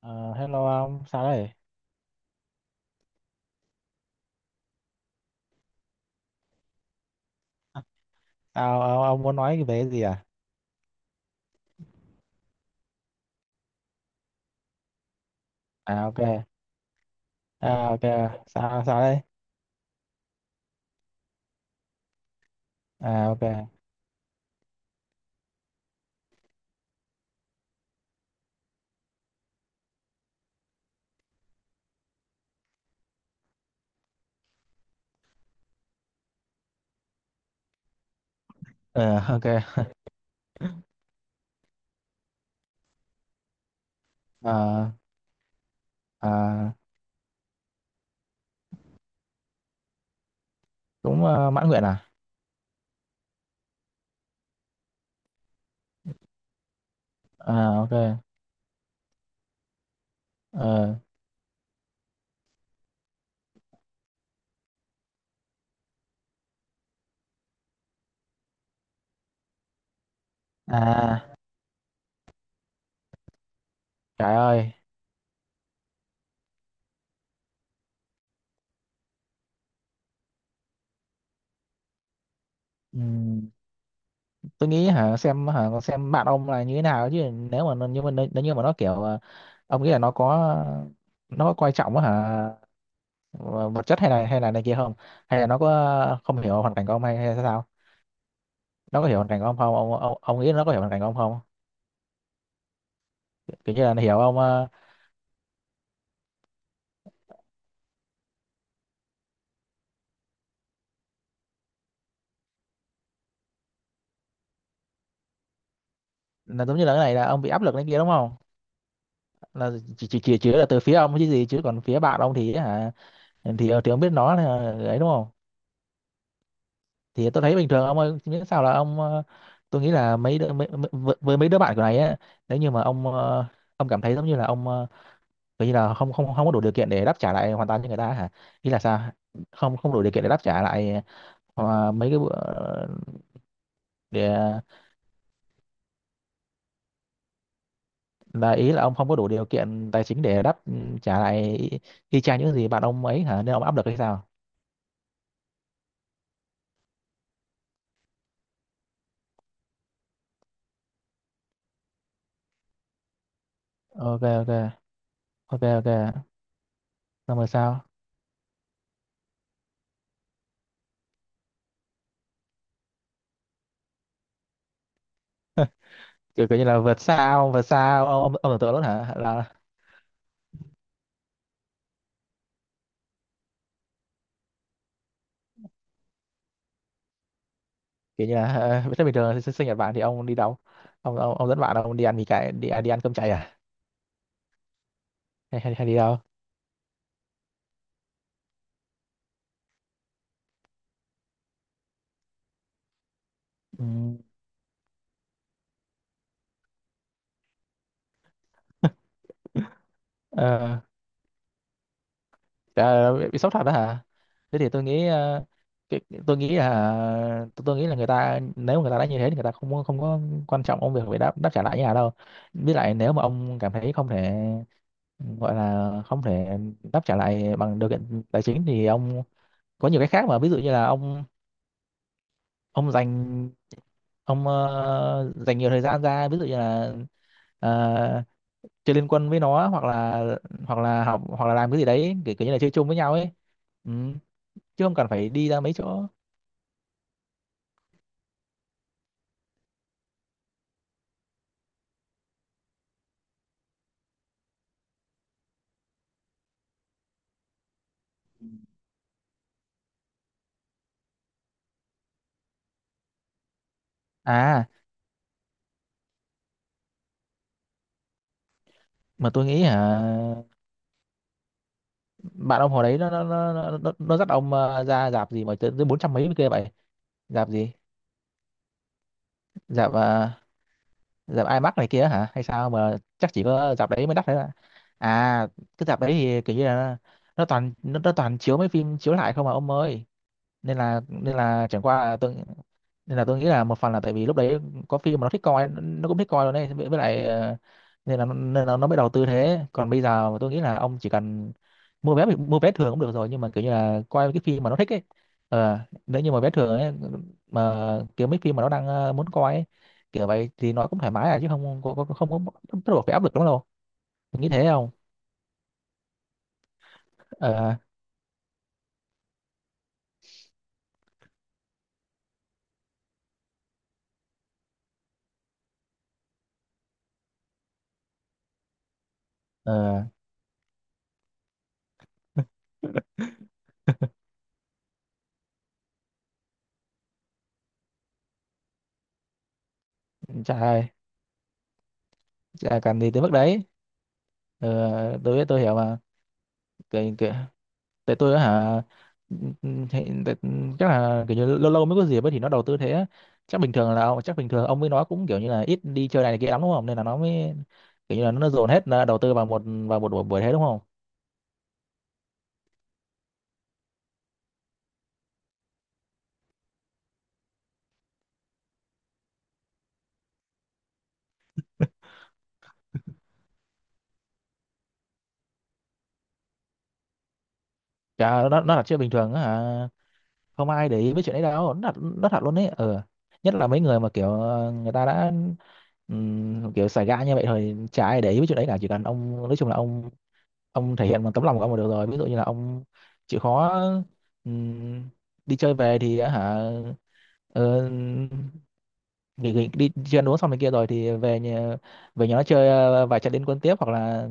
Ờ, hello ông, sao đây? Sao ông muốn nói về cái gì à? À ok, ok, sao sao đây? À ok, Ờ, ok, Ờ, à, cũng mãn nguyện à? À ok, Ờ, à trời ơi, Ừm, tôi nghĩ hả xem hả con xem bạn ông là như thế nào chứ nếu mà nhưng mà nếu như mà nó kiểu ông nghĩ là nó có coi trọng á hả vật chất hay là này kia không? Hay là nó có không hiểu hoàn cảnh của ông hay hay sao? Nó có hiểu hoàn cảnh của ông không ông ông nghĩ nó có hiểu hoàn cảnh của ông không? Kiểu như là nó hiểu ông là giống như là cái này là ông bị áp lực này kia đúng không? Là chỉ là từ phía ông chứ gì, chứ còn phía bạn ông thì hả thì thì ông biết nó là ấy đúng không? Thì tôi thấy bình thường ông ơi, miễn sao là ông tôi nghĩ là mấy đứa, mấy, mấy- với mấy đứa bạn của này á, nếu như mà ông ông cảm thấy giống như là ông kiểu như là không không không có đủ điều kiện để đáp trả lại hoàn toàn cho người ta hả, ý là sao không không đủ điều kiện để đáp trả lại ờ, mấy cái bữa để là ý là ông không có đủ điều kiện tài chính để đáp trả lại y y chang những gì bạn ông ấy hả nên ông áp lực hay sao? Ok ok, ok ok, xong rồi sao, kiểu, kiểu như là vượt xa ông ông tưởng tượng luôn hả? Là kiểu như là thế bình thường sinh sinh nhật bạn thì ông đi đâu? Ông ông dẫn bạn ông đi ăn mì cái đi, à, đi ăn cơm cháy à, hay, hay, hay đi đâu? Ừ, à, bị sốc thật đó hả? Thế thì tôi nghĩ cái, tôi nghĩ là tôi nghĩ là người ta nếu mà người ta đã như thế thì người ta không có quan trọng công việc phải đáp đáp trả lại nhà đâu. Với lại nếu mà ông cảm thấy không thể gọi là không thể đáp trả lại bằng điều kiện tài chính thì ông có nhiều cái khác mà, ví dụ như là ông dành ông dành nhiều thời gian ra, ví dụ như là ờ, chơi liên quân với nó, hoặc là học hoặc là làm cái gì đấy kiểu, kiểu như là chơi chung với nhau ấy. Ừ, chứ không cần phải đi ra mấy chỗ. À, mà tôi nghĩ hả bạn ông hồi đấy nó nó dắt ông ra dạp gì mà tới tới bốn trăm mấy kia vậy? Dạp gì, dạp dạp IMAX này kia hả hay sao, mà chắc chỉ có dạp đấy mới đắt đấy ạ. À cái dạp đấy thì kiểu như là nó toàn nó toàn chiếu mấy phim chiếu lại không mà ông ơi, nên là chẳng qua là tôi nên là tôi nghĩ là một phần là tại vì lúc đấy có phim mà nó thích coi, nó cũng thích coi luôn đấy, với lại ờ, nên là nên là nó mới đầu tư thế. Còn bây giờ tôi nghĩ là ông chỉ cần mua vé thường cũng được rồi, nhưng mà kiểu như là coi cái phim mà nó thích ấy. Ờ nếu như mà vé thường ấy mà kiểu mấy phim mà nó đang muốn coi ấy, kiểu vậy thì nó cũng thoải mái à, chứ không không có bắt buộc phải áp lực lắm đâu, tôi nghĩ thế không? Ờ ờ trời ơi, chả cần gì tới mức đấy ờ tôi hiểu mà. Kệ- kệ. Tại tôi á hả ừ, ừ, thì, tại, ừ, chắc là kiểu như lâu lâu mới có dịp ấy thì nó đầu tư thế á. Chắc bình thường là chắc bình thường ông với nó cũng kiểu như là ít đi chơi này, này kia lắm đúng không, nên là nó mới kiểu như là nó dồn hết là đầu tư vào một buổi buổi thế đúng không? Chả nó là chuyện bình thường á hả, không ai để ý với chuyện đấy đâu, nó thật luôn ấy ờ. Nhất là mấy người mà kiểu người ta đã kiểu xài gã như vậy thôi, chả ai để ý với chuyện đấy cả. Chỉ cần ông nói chung là ông thể hiện bằng tấm lòng của ông là được rồi, ví dụ như là ông chịu khó ừm, đi chơi về thì á hả ờ, nghỉ đi chơi ăn uống xong này kia rồi thì về nhà, về nhà nó chơi vài trận liên quân tiếp hoặc là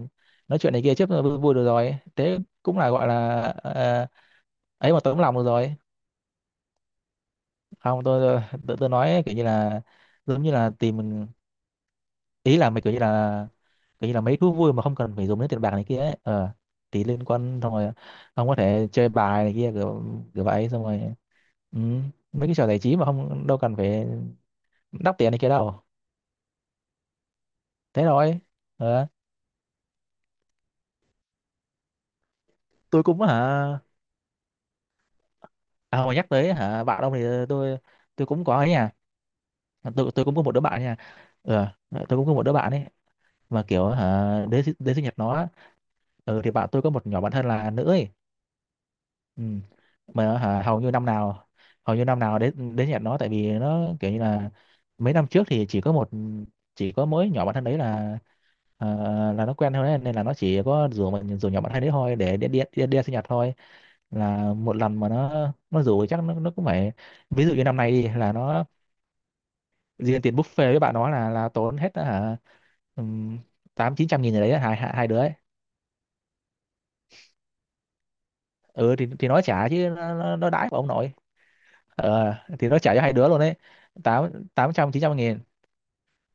nói chuyện này kia trước vui, vui được rồi thế cũng là gọi là ấy mà tấm lòng được rồi. Không tôi nói kiểu như là giống như là tìm ý là mày kiểu như là mấy thú vui mà không cần phải dùng đến tiền bạc này kia ấy ờ, thì liên quan xong rồi ông có thể chơi bài này kia kiểu, kiểu vậy xong rồi. Ừ, mấy cái trò giải trí mà không đâu cần phải đắp tiền này kia đâu. Thế rồi ờ. Tôi cũng hả, à mà nhắc tới hả bạn ông thì tôi tôi cũng có ấy nha. Tôi cũng có một đứa bạn nha. Ờ tôi cũng có một đứa bạn ấy mà kiểu hả đến đến sinh nhật nó á, ừ, thì bạn tôi có một nhỏ bạn thân là nữ ấy. Ừ, mà hả, hầu như năm nào hầu như năm nào đến đến nhạc nó, tại vì nó kiểu như là mấy năm trước thì chỉ có một chỉ có mỗi nhỏ bạn thân đấy là ờ, là nó quen thôi đấy. Nên là nó chỉ có rủ mình rủ nhỏ bạn thân đấy thôi để đi sinh nhật thôi. Là một lần mà nó rủ thì chắc nó cũng phải, ví dụ như năm nay đi là nó riêng tiền buffet với bạn nó là tốn hết hả tám chín trăm nghìn gì đấy hai hai hai đứa ấy. Ừ thì nó trả chứ nó đãi của ông nội, ờ thì nó trả cho hai đứa luôn đấy. Tám Tám trăm chín trăm nghìn.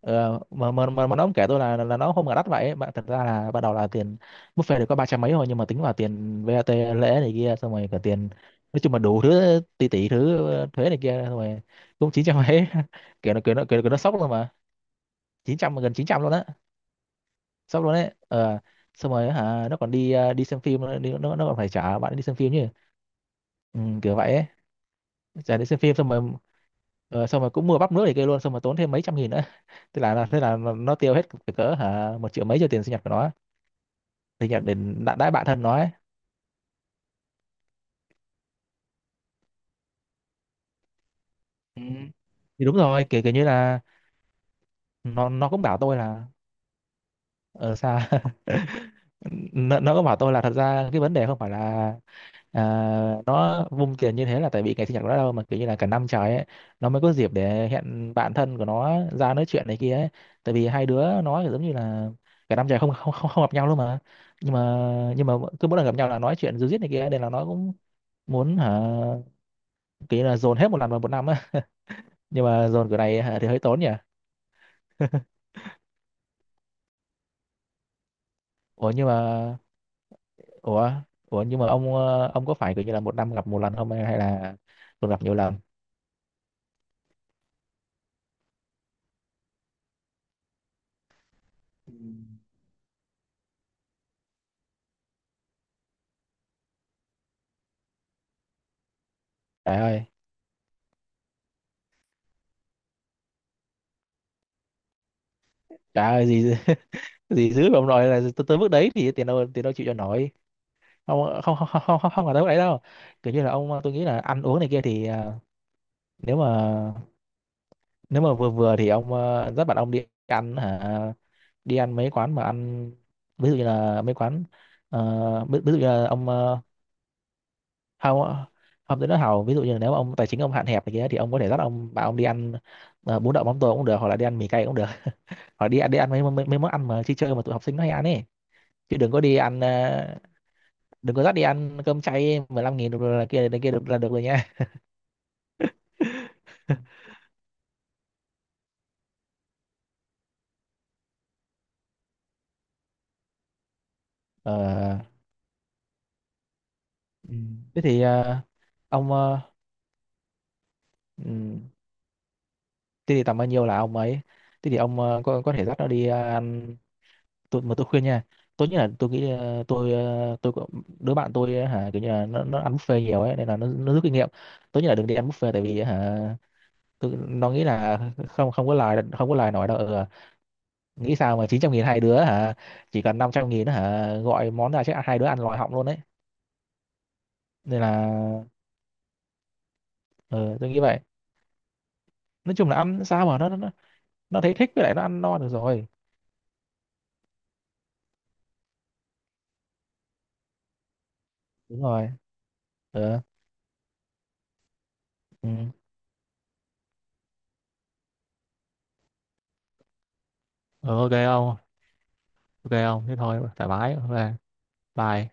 Ờ, mà nó cũng kể tôi là nó không ngờ đắt vậy bạn. Thật ra là ban đầu là tiền buffet được có ba trăm mấy thôi nhưng mà tính vào tiền VAT lễ này kia xong rồi cả tiền, nói chung là đủ thứ tỷ tỷ thứ thuế này kia xong rồi cũng chín trăm mấy. Kiểu nó nó sốc luôn mà, chín trăm gần chín trăm luôn á, sốc luôn đấy ờ. Xong rồi hả nó còn đi đi xem phim nữa, nó còn phải trả bạn đi xem phim chứ, ừ, kiểu vậy ấy. Giả đi xem phim xong rồi ờ, xong rồi cũng mua bắp nước thì kia luôn, xong rồi tốn thêm mấy trăm nghìn nữa thế là nó tiêu hết cỡ cỡ hả một triệu mấy cho tiền sinh nhật của nó, sinh nhật để đãi đãi bạn thân nó ấy. Ừ, thì đúng rồi kiểu kiểu như là nó cũng bảo tôi là ờ sao nó cũng bảo tôi là thật ra cái vấn đề không phải là à, nó vung tiền như thế là tại vì ngày sinh nhật của nó đâu, mà kiểu như là cả năm trời ấy nó mới có dịp để hẹn bạn thân của nó ra nói chuyện này kia ấy. Tại vì hai đứa nó kiểu giống như là cả năm trời không gặp nhau luôn mà. nhưng mà nhưng mà cứ mỗi lần gặp nhau là nói chuyện ríu rít này kia nên là nó cũng muốn hả kiểu như là dồn hết một lần vào một năm á, nhưng mà dồn kiểu này hả, thì hơi tốn nhỉ. ủa nhưng mà ủa Ủa nhưng mà ông ông có phải kiểu như là một năm gặp một lần không, hay hay là còn gặp nhiều lần? Ừ, trời ơi, trời ơi gì gì dữ ông nói là tới, tới mức đấy thì tiền đâu chịu cho nổi. Không không không không không, Không là tới mức đấy đâu, kiểu như là ông tôi nghĩ là ăn uống này kia thì à, nếu mà nếu mà vừa vừa thì ông à, dắt bạn ông đi ăn hả đi ăn mấy quán mà ăn, ví dụ như là mấy quán ví dụ như là ông không hao tới nó hào, ví dụ như là nếu mà ông tài chính ông hạn hẹp này kia thì ông có thể dắt ông bạn ông đi ăn ờ, bún đậu mắm tôm cũng được hoặc là đi ăn mì cay cũng được hoặc đi ăn mấy mấy, mấy món ăn mà chơi chơi mà tụi học sinh nó hay ăn ấy. Chứ đừng có đi ăn đừng có dắt đi ăn cơm chay 15 nghìn được rồi là kia được là được rồi nha. Ờ, Ừ, thế thì ông ừm, thế thì tầm bao nhiêu là ông ấy, thế thì ông có thể dắt nó đi ăn. Tôi mà tôi khuyên nha, tốt nhất là tôi nghĩ tôi đứa bạn tôi ờ, hả kiểu như là nó ăn buffet nhiều ấy nên là nó rút kinh nghiệm, tốt nhất là đừng đi ăn buffet tại vì hả nó nghĩ là không không có lời nói đâu ừ, nghĩ sao mà 900 nghìn hai đứa hả, chỉ cần 500 nghìn hả gọi món ra chắc hai đứa ăn lòi họng luôn đấy. Nên là ờ, tôi nghĩ vậy, nói chung là ăn sao mà nó thấy thích với lại nó ăn no được rồi. Đúng rồi ờ, ừ. Ờ, ok không, ok không thế thôi thoải mái ok, bye